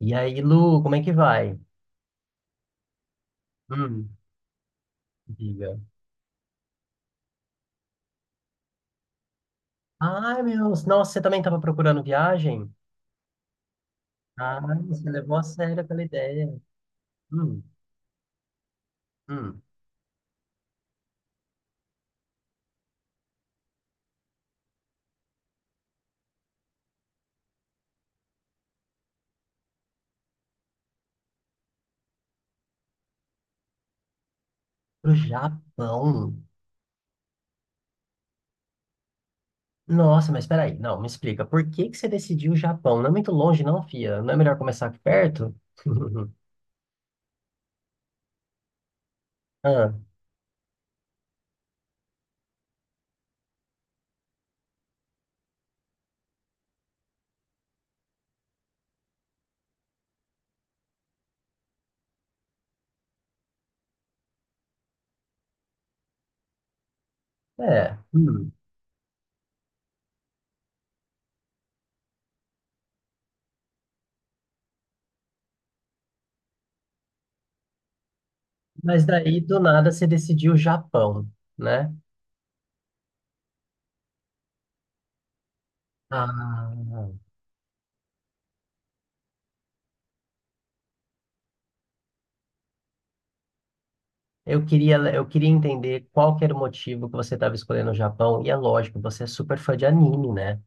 E aí, Lu, como é que vai? Hum, diga. Ai, meu, nossa, você também estava procurando viagem? Ah, você levou a sério aquela ideia. Hum, hum. Pro Japão? Nossa, mas peraí, não, me explica. Por que que você decidiu o Japão? Não é muito longe, não, fia? Não é melhor começar aqui perto? Ah, é. Hum. Mas daí, do nada, você decidiu o Japão, né? Ah, Eu queria entender qual que era o motivo que você estava escolhendo o Japão. E é lógico, você é super fã de anime, né?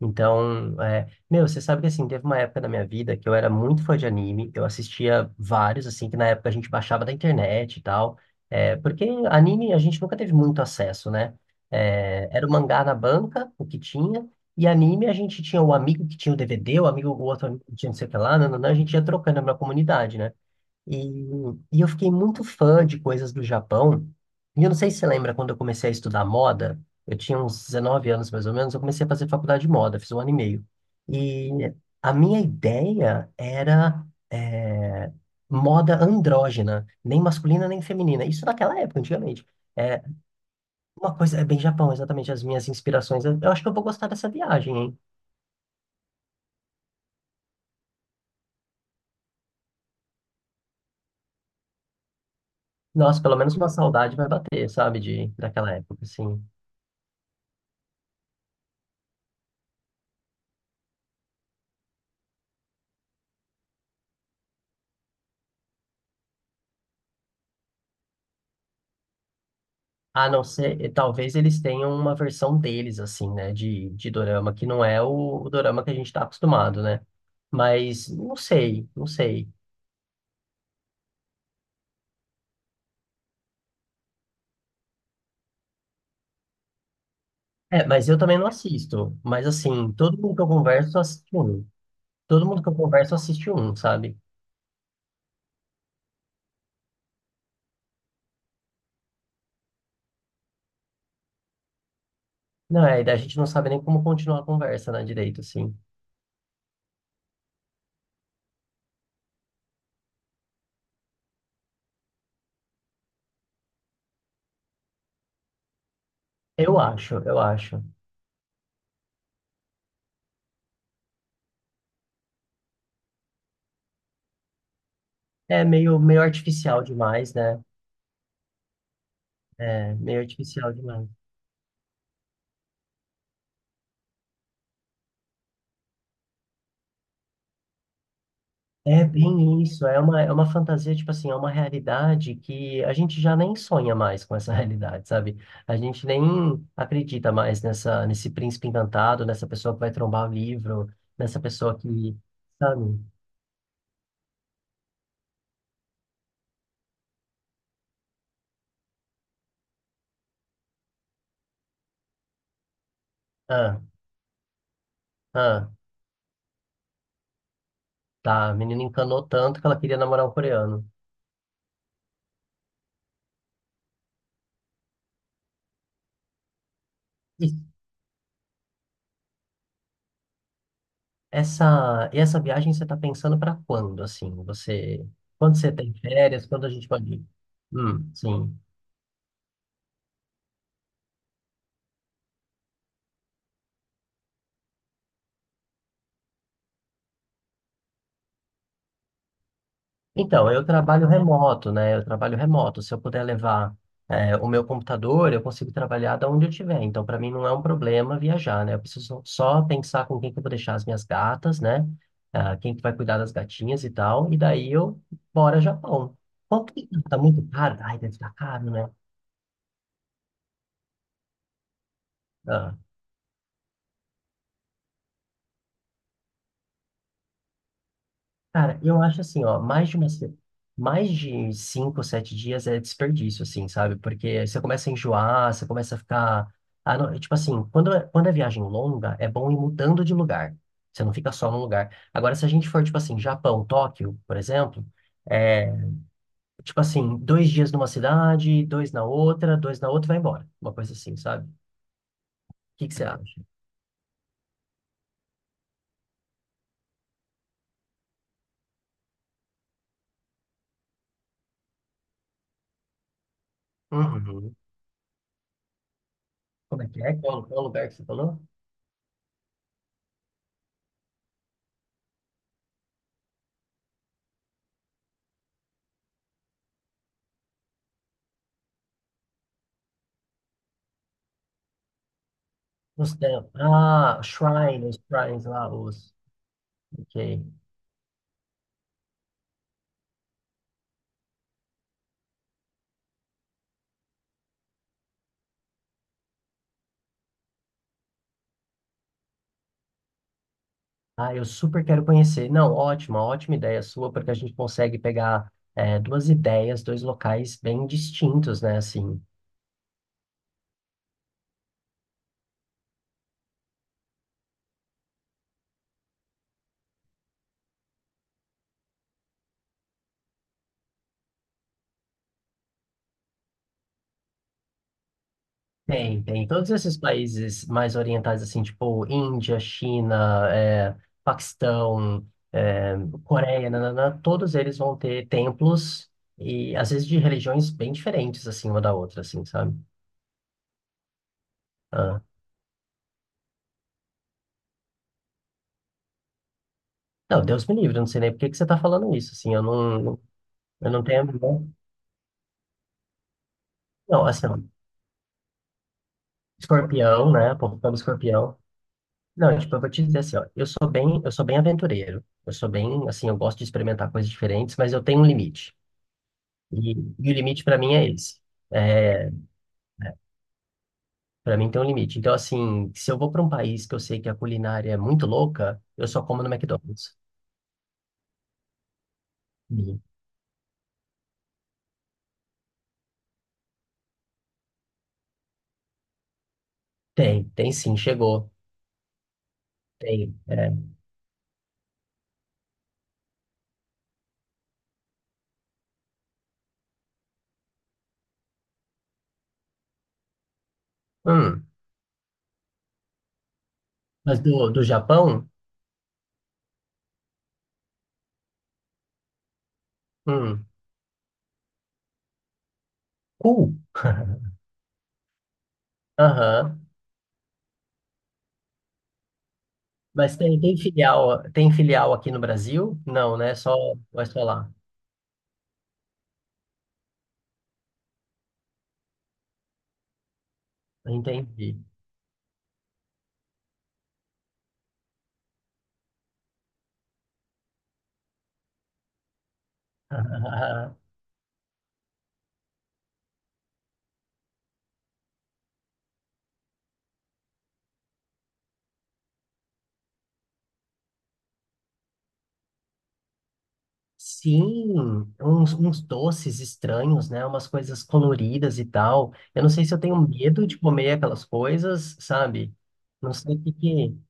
Então, é, meu, você sabe que assim, teve uma época da minha vida que eu era muito fã de anime. Eu assistia vários, assim, que na época a gente baixava da internet e tal. É, porque anime a gente nunca teve muito acesso, né? É, era o mangá na banca, o que tinha. E anime a gente tinha o amigo que tinha o DVD, o amigo, o outro amigo que tinha não sei o que lá, não, não, não, a gente ia trocando na comunidade, né? E, e eu fiquei muito fã de coisas do Japão. E eu não sei se você lembra quando eu comecei a estudar moda, eu tinha uns 19 anos mais ou menos, eu comecei a fazer faculdade de moda, fiz um ano e meio. E a minha ideia era moda andrógena, nem masculina nem feminina. Isso naquela época, antigamente. É, uma coisa é bem Japão, exatamente as minhas inspirações. Eu acho que eu vou gostar dessa viagem, hein? Nossa, pelo menos uma saudade vai bater, sabe, de, daquela época, assim. A não ser, e talvez eles tenham uma versão deles, assim, né, de dorama, que não é o dorama que a gente está acostumado, né? Mas não sei, não sei. É, mas eu também não assisto. Mas, assim, todo mundo que eu converso assiste um. Todo mundo que eu converso assiste um, sabe? Não, é, e daí a gente não sabe nem como continuar a conversa, né, direito, assim. Eu acho, eu acho. É meio, meio artificial demais, né? É, meio artificial demais. É bem isso, é uma fantasia, tipo assim, é uma realidade que a gente já nem sonha mais com essa realidade, sabe? A gente nem acredita mais nessa, nesse príncipe encantado, nessa pessoa que vai trombar o livro, nessa pessoa que, sabe? Ah, ah, tá, a menina encanou tanto que ela queria namorar um coreano. E e essa viagem você tá pensando pra quando, assim? Quando você tem férias, quando a gente pode ir? Sim. Então, eu trabalho remoto, né? Eu trabalho remoto. Se eu puder levar, o meu computador, eu consigo trabalhar da onde eu estiver. Então, para mim, não é um problema viajar, né? Eu preciso só pensar com quem que eu vou deixar as minhas gatas, né? Ah, quem que vai cuidar das gatinhas e tal. E daí eu bora Japão. Quanto que tá muito caro? Ai, deve estar caro, né? Ah, cara, eu acho assim, ó, mais de uma, se- mais de 5, 7 dias é desperdício, assim, sabe? Porque você começa a enjoar, você começa a ficar, ah, não, tipo assim, quando é viagem longa, é bom ir mudando de lugar. Você não fica só num lugar. Agora, se a gente for, tipo assim, Japão, Tóquio, por exemplo, é, tipo assim, 2 dias numa cidade, dois na outra, e vai embora. Uma coisa assim, sabe? O que que você acha? Uhum. Como é que é? Qual lugar que você falou? Os templos. Ah, shrines, shrines lá, os Ok. Ah, eu super quero conhecer. Não, ótima, ótima ideia sua, porque a gente consegue pegar duas ideias, dois locais bem distintos, né? Assim, tem, tem. Todos esses países mais orientais, assim, tipo Índia, China, Paquistão, é, Coreia, nananã, todos eles vão ter templos e, às vezes, de religiões bem diferentes, assim, uma da outra, assim, sabe? Ah. Não, Deus me livre, eu não sei nem por que que você tá falando isso, assim, eu não tenho... Não, assim, ó, Escorpião, né? Portando escorpião. Não, tipo, eu vou te dizer assim, ó, eu sou bem aventureiro. Eu sou bem, assim, eu gosto de experimentar coisas diferentes, mas eu tenho um limite. E, e o limite pra mim é esse. É, para mim tem um limite. Então, assim, se eu vou pra um país que eu sei que a culinária é muito louca, eu só como no McDonald's. E Tem, tem sim, chegou. Tem. É. Hum, mas do Japão? Hum, cool. Aham. Mas tem filial, tem filial aqui no Brasil? Não, né? Só, vai só lá. Entendi. Sim, uns doces estranhos, né? Umas coisas coloridas e tal. Eu não sei se eu tenho medo de comer aquelas coisas, sabe? Não sei o que que...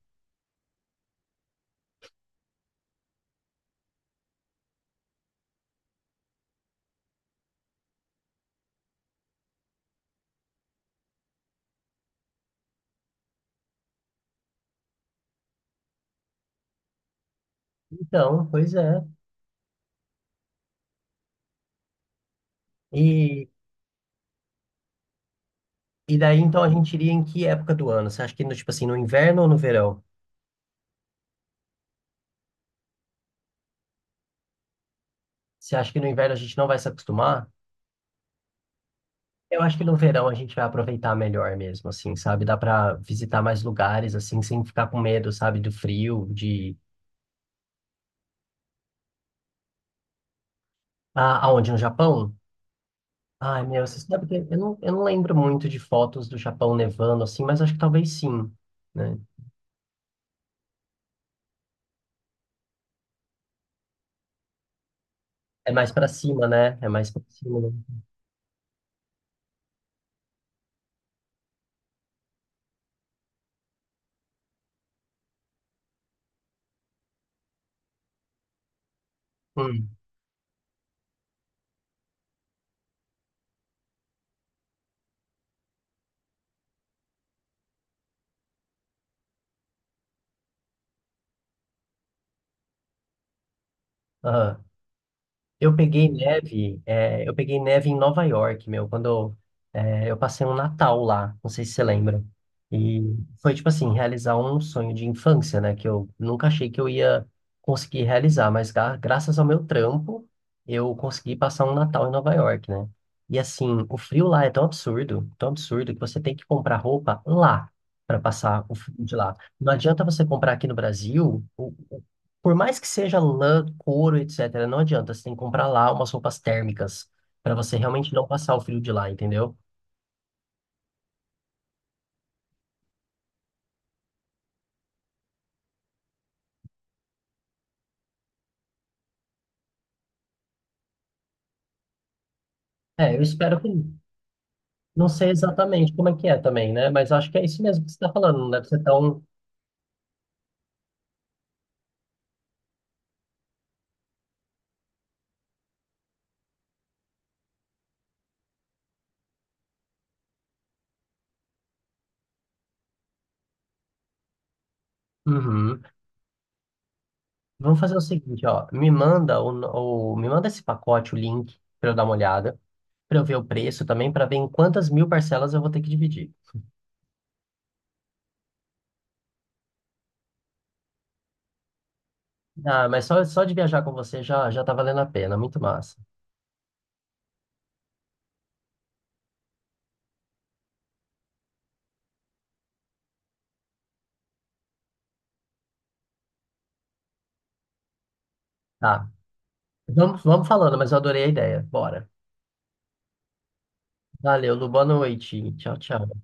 É. Então, pois é. E, e daí, então, a gente iria em que época do ano? Você acha que, no, tipo assim, no inverno ou no verão? Você acha que no inverno a gente não vai se acostumar? Eu acho que no verão a gente vai aproveitar melhor mesmo, assim, sabe? Dá pra visitar mais lugares, assim, sem ficar com medo, sabe? Do frio, de... Ah, aonde? No Japão? Ai, meu, você sabe que eu não lembro muito de fotos do Japão nevando assim, mas acho que talvez sim, né? É mais pra cima, né? É mais pra cima. Né? Hum, aham. Eu peguei neve em Nova York, meu, quando eu passei um Natal lá, não sei se você lembra. E foi tipo assim, realizar um sonho de infância, né? Que eu nunca achei que eu ia conseguir realizar, mas graças ao meu trampo, eu consegui passar um Natal em Nova York, né? E assim, o frio lá é tão absurdo, que você tem que comprar roupa lá para passar o frio de lá. Não adianta você comprar aqui no Brasil. Por mais que seja lã, couro, etc., não adianta. Você tem que comprar lá umas roupas térmicas para você realmente não passar o frio de lá, entendeu? É, eu espero que. Não sei exatamente como é que é também, né? Mas acho que é isso mesmo que você está falando. Não deve ser tão. Uhum. Vamos fazer o seguinte, ó. Me manda esse pacote, o link, para eu dar uma olhada, para eu ver o preço também, para ver em quantas mil parcelas eu vou ter que dividir. Ah, mas só, só de viajar com você já já tá valendo a pena, muito massa. Tá. Vamos, vamos falando, mas eu adorei a ideia. Bora. Valeu, Lu, boa noite. Tchau, tchau.